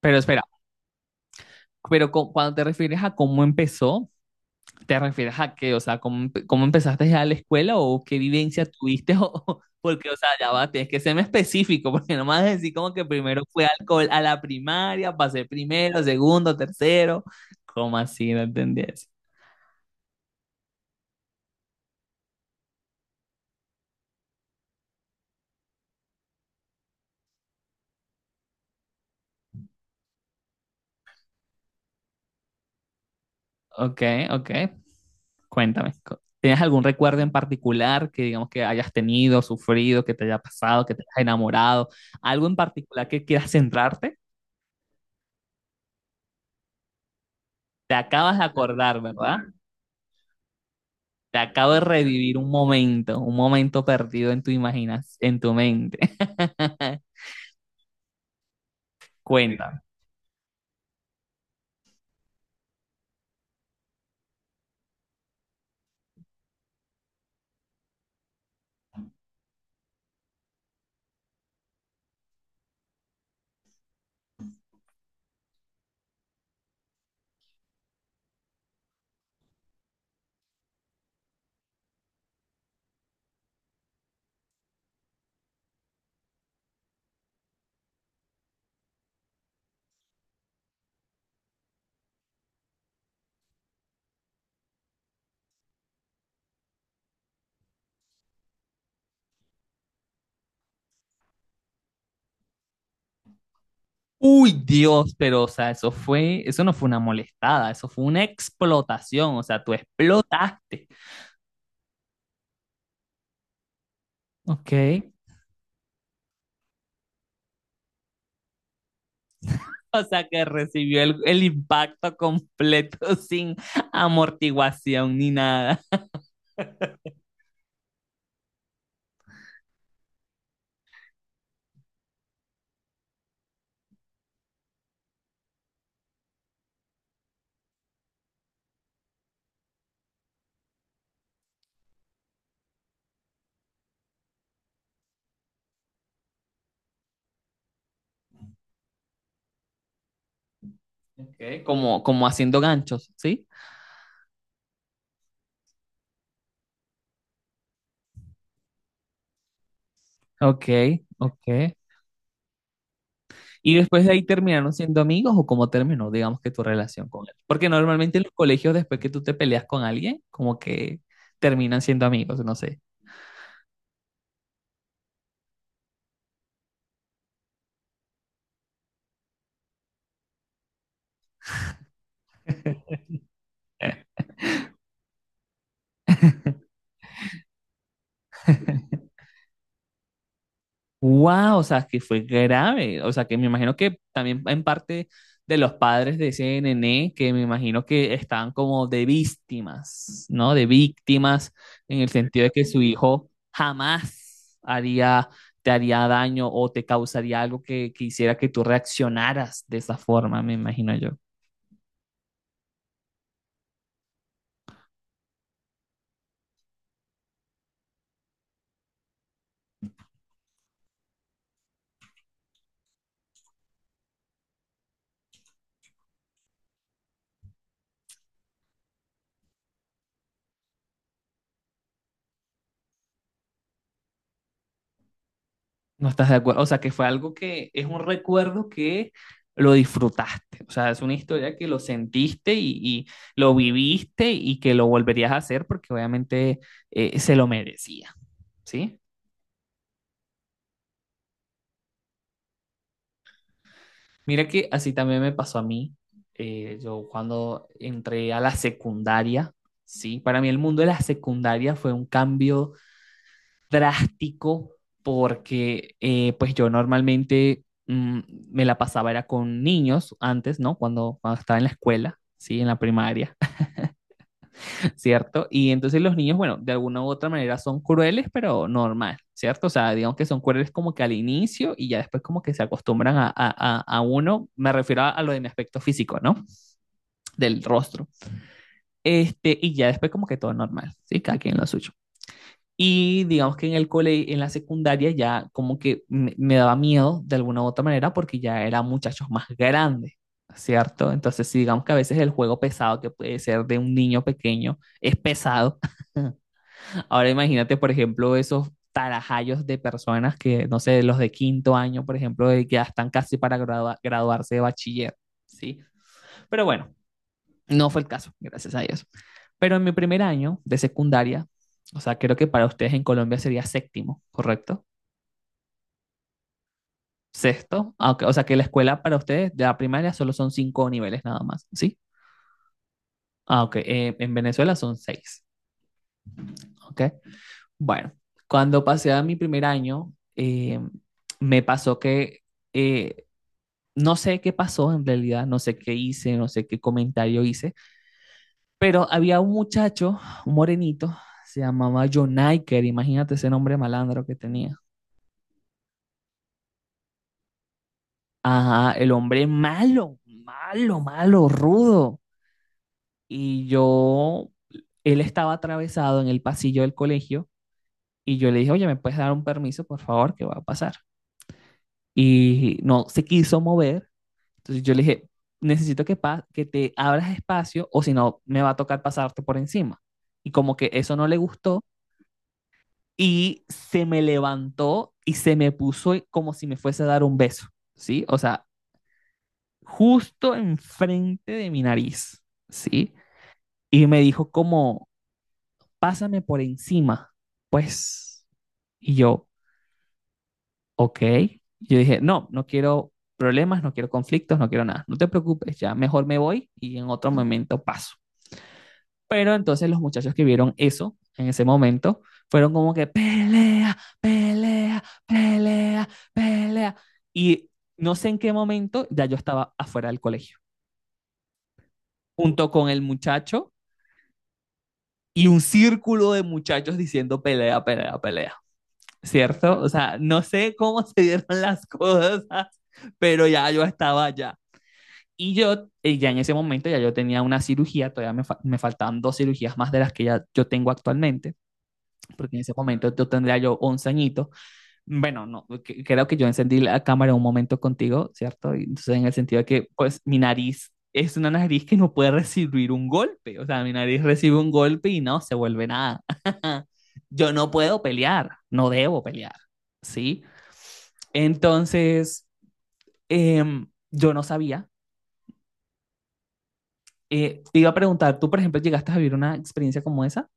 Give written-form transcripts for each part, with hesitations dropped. Pero espera, pero cuando te refieres a cómo empezó, ¿te refieres a qué? O sea, ¿cómo, cómo empezaste ya a la escuela o qué vivencia tuviste? O, porque, o sea, ya va, tienes que serme específico, porque no me vas a decir como que primero fue alcohol a la primaria, pasé primero, segundo, tercero. ¿Cómo así? No entendí eso. Ok, ok, cuéntame. ¿Tienes algún recuerdo en particular que digamos que hayas tenido, sufrido, que te haya pasado, que te hayas enamorado? ¿Algo en particular que quieras centrarte? Te acabas de acordar, ¿verdad? Te acabo de revivir un momento perdido en tu imaginas, en tu mente. Cuenta. Uy, Dios, pero o sea, eso fue, eso no fue una molestada, eso fue una explotación, o sea, tú explotaste. Ok. O sea, que recibió el impacto completo sin amortiguación ni nada. Ok. Como, como haciendo ganchos, ¿sí? Ok, ok. Y después de ahí terminaron siendo amigos o cómo terminó, digamos que tu relación con él. Porque normalmente en los colegios, después que tú te peleas con alguien, como que terminan siendo amigos, no sé. Wow, o sea, que fue grave. O sea, que me imagino que también en parte de los padres de ese nené, que me imagino que estaban como de víctimas, ¿no? De víctimas, en el sentido de que su hijo jamás haría, te haría daño o te causaría algo que hiciera que tú reaccionaras de esa forma, me imagino yo. No estás de acuerdo, o sea, que fue algo que es un recuerdo que lo disfrutaste, o sea, es una historia que lo sentiste y lo viviste y que lo volverías a hacer porque obviamente se lo merecía, ¿sí? Mira que así también me pasó a mí, yo cuando entré a la secundaria, ¿sí? Para mí el mundo de la secundaria fue un cambio drástico porque pues yo normalmente me la pasaba era con niños antes, ¿no? Cuando, cuando estaba en la escuela, ¿sí? En la primaria, ¿cierto? Y entonces los niños, bueno, de alguna u otra manera son crueles, pero normal, ¿cierto? O sea, digamos que son crueles como que al inicio y ya después como que se acostumbran a uno, me refiero a lo de mi aspecto físico, ¿no? Del rostro. Este, y ya después como que todo normal, ¿sí? Cada quien lo suyo. Y digamos que en el cole, en la secundaria ya como que me daba miedo de alguna u otra manera porque ya eran muchachos más grandes, ¿cierto? Entonces, sí, digamos que a veces el juego pesado que puede ser de un niño pequeño es pesado. Ahora imagínate, por ejemplo, esos tarajayos de personas que, no sé, los de quinto año, por ejemplo, de que ya están casi para graduarse de bachiller, ¿sí? Pero bueno, no fue el caso, gracias a Dios. Pero en mi primer año de secundaria, o sea, creo que para ustedes en Colombia sería séptimo, ¿correcto? Sexto, ah, ok, o sea que la escuela para ustedes de la primaria solo son cinco niveles nada más, ¿sí? Ah, ok, en Venezuela son seis, ¿ok? Bueno, cuando pasé a mi primer año, me pasó que eh, no sé qué pasó en realidad, no sé qué hice, no sé qué comentario hice, pero había un muchacho, un morenito, se llamaba John Iker, imagínate ese nombre malandro que tenía. Ajá, el hombre malo, malo, malo, rudo. Y yo, él estaba atravesado en el pasillo del colegio y yo le dije, oye, ¿me puedes dar un permiso, por favor? ¿Qué va a pasar? Y no se quiso mover. Entonces yo le dije, necesito que, que te abras espacio o si no, me va a tocar pasarte por encima. Y como que eso no le gustó, y se me levantó y se me puso como si me fuese a dar un beso, ¿sí? O sea, justo enfrente de mi nariz, ¿sí? Y me dijo como, pásame por encima, pues. Y yo, ok. Yo dije, no, no quiero problemas, no quiero conflictos, no quiero nada. No te preocupes, ya mejor me voy y en otro momento paso. Pero entonces los muchachos que vieron eso en ese momento fueron como que pelea, pelea, pelea, pelea. Y no sé en qué momento ya yo estaba afuera del colegio, junto con el muchacho y un círculo de muchachos diciendo pelea, pelea, pelea. ¿Cierto? O sea, no sé cómo se dieron las cosas, pero ya yo estaba allá. Y yo, ya en ese momento, ya yo tenía una cirugía, todavía me, me faltaban dos cirugías más de las que ya yo tengo actualmente. Porque en ese momento yo tendría yo 11 añitos. Bueno, no, creo que yo encendí la cámara un momento contigo, ¿cierto? Y entonces en el sentido de que, pues, mi nariz es una nariz que no puede recibir un golpe, o sea, mi nariz recibe un golpe y no se vuelve nada. Yo no puedo pelear, no debo pelear, ¿sí? Entonces, yo no sabía. Te iba a preguntar, ¿tú, por ejemplo, llegaste a vivir una experiencia como esa?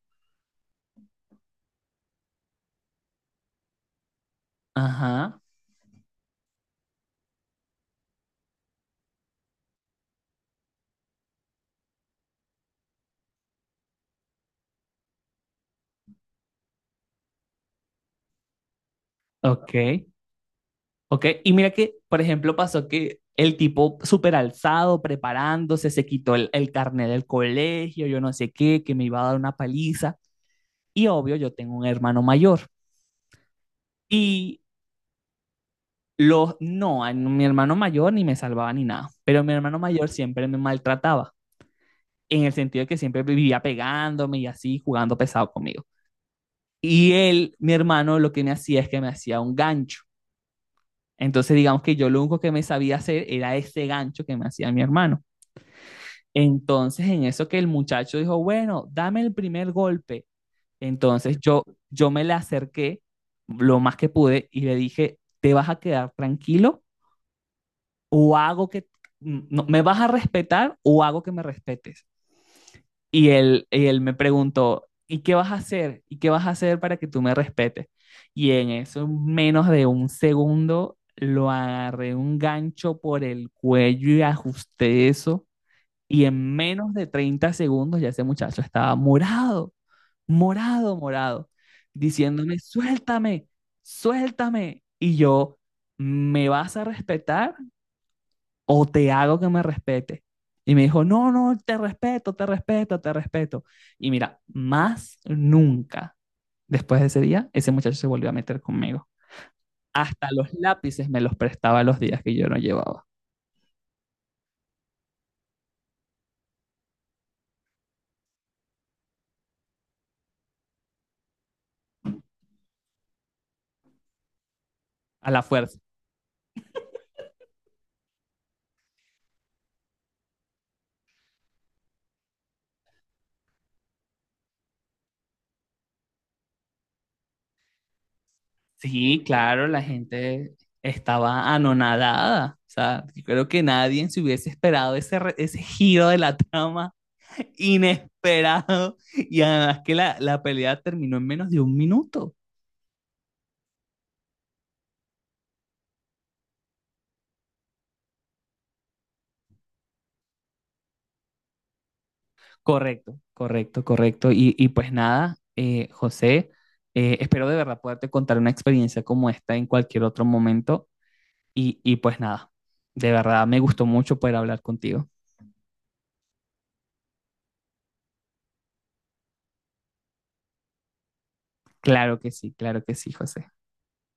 Ajá, ok. Ok, y mira que, por ejemplo, pasó que el tipo súper alzado, preparándose, se quitó el carnet del colegio, yo no sé qué, que me iba a dar una paliza. Y obvio, yo tengo un hermano mayor. Y los, no, a mi hermano mayor ni me salvaba ni nada, pero mi hermano mayor siempre me maltrataba, en el sentido de que siempre vivía pegándome y así, jugando pesado conmigo. Y él, mi hermano, lo que me hacía es que me hacía un gancho. Entonces, digamos que yo lo único que me sabía hacer era ese gancho que me hacía mi hermano. Entonces, en eso que el muchacho dijo, bueno, dame el primer golpe. Entonces yo me le acerqué lo más que pude y le dije, ¿te vas a quedar tranquilo o hago que, no, me vas a respetar o hago que me respetes? Y él me preguntó, ¿y qué vas a hacer? ¿Y qué vas a hacer para que tú me respetes? Y en eso, menos de un segundo, lo agarré un gancho por el cuello y ajusté eso y en menos de 30 segundos ya ese muchacho estaba morado, morado, morado, diciéndome, suéltame, suéltame. Y yo, ¿me vas a respetar o te hago que me respete? Y me dijo, no, no, te respeto, te respeto, te respeto. Y mira, más nunca después de ese día, ese muchacho se volvió a meter conmigo. Hasta los lápices me los prestaba los días que yo no llevaba, a la fuerza. Sí, claro, la gente estaba anonadada. O sea, yo creo que nadie se hubiese esperado ese, ese giro de la trama inesperado. Y además que la pelea terminó en menos de un minuto. Correcto, correcto, correcto. Y pues nada, José, espero de verdad poderte contar una experiencia como esta en cualquier otro momento. Y pues nada, de verdad me gustó mucho poder hablar contigo. Claro que sí, José.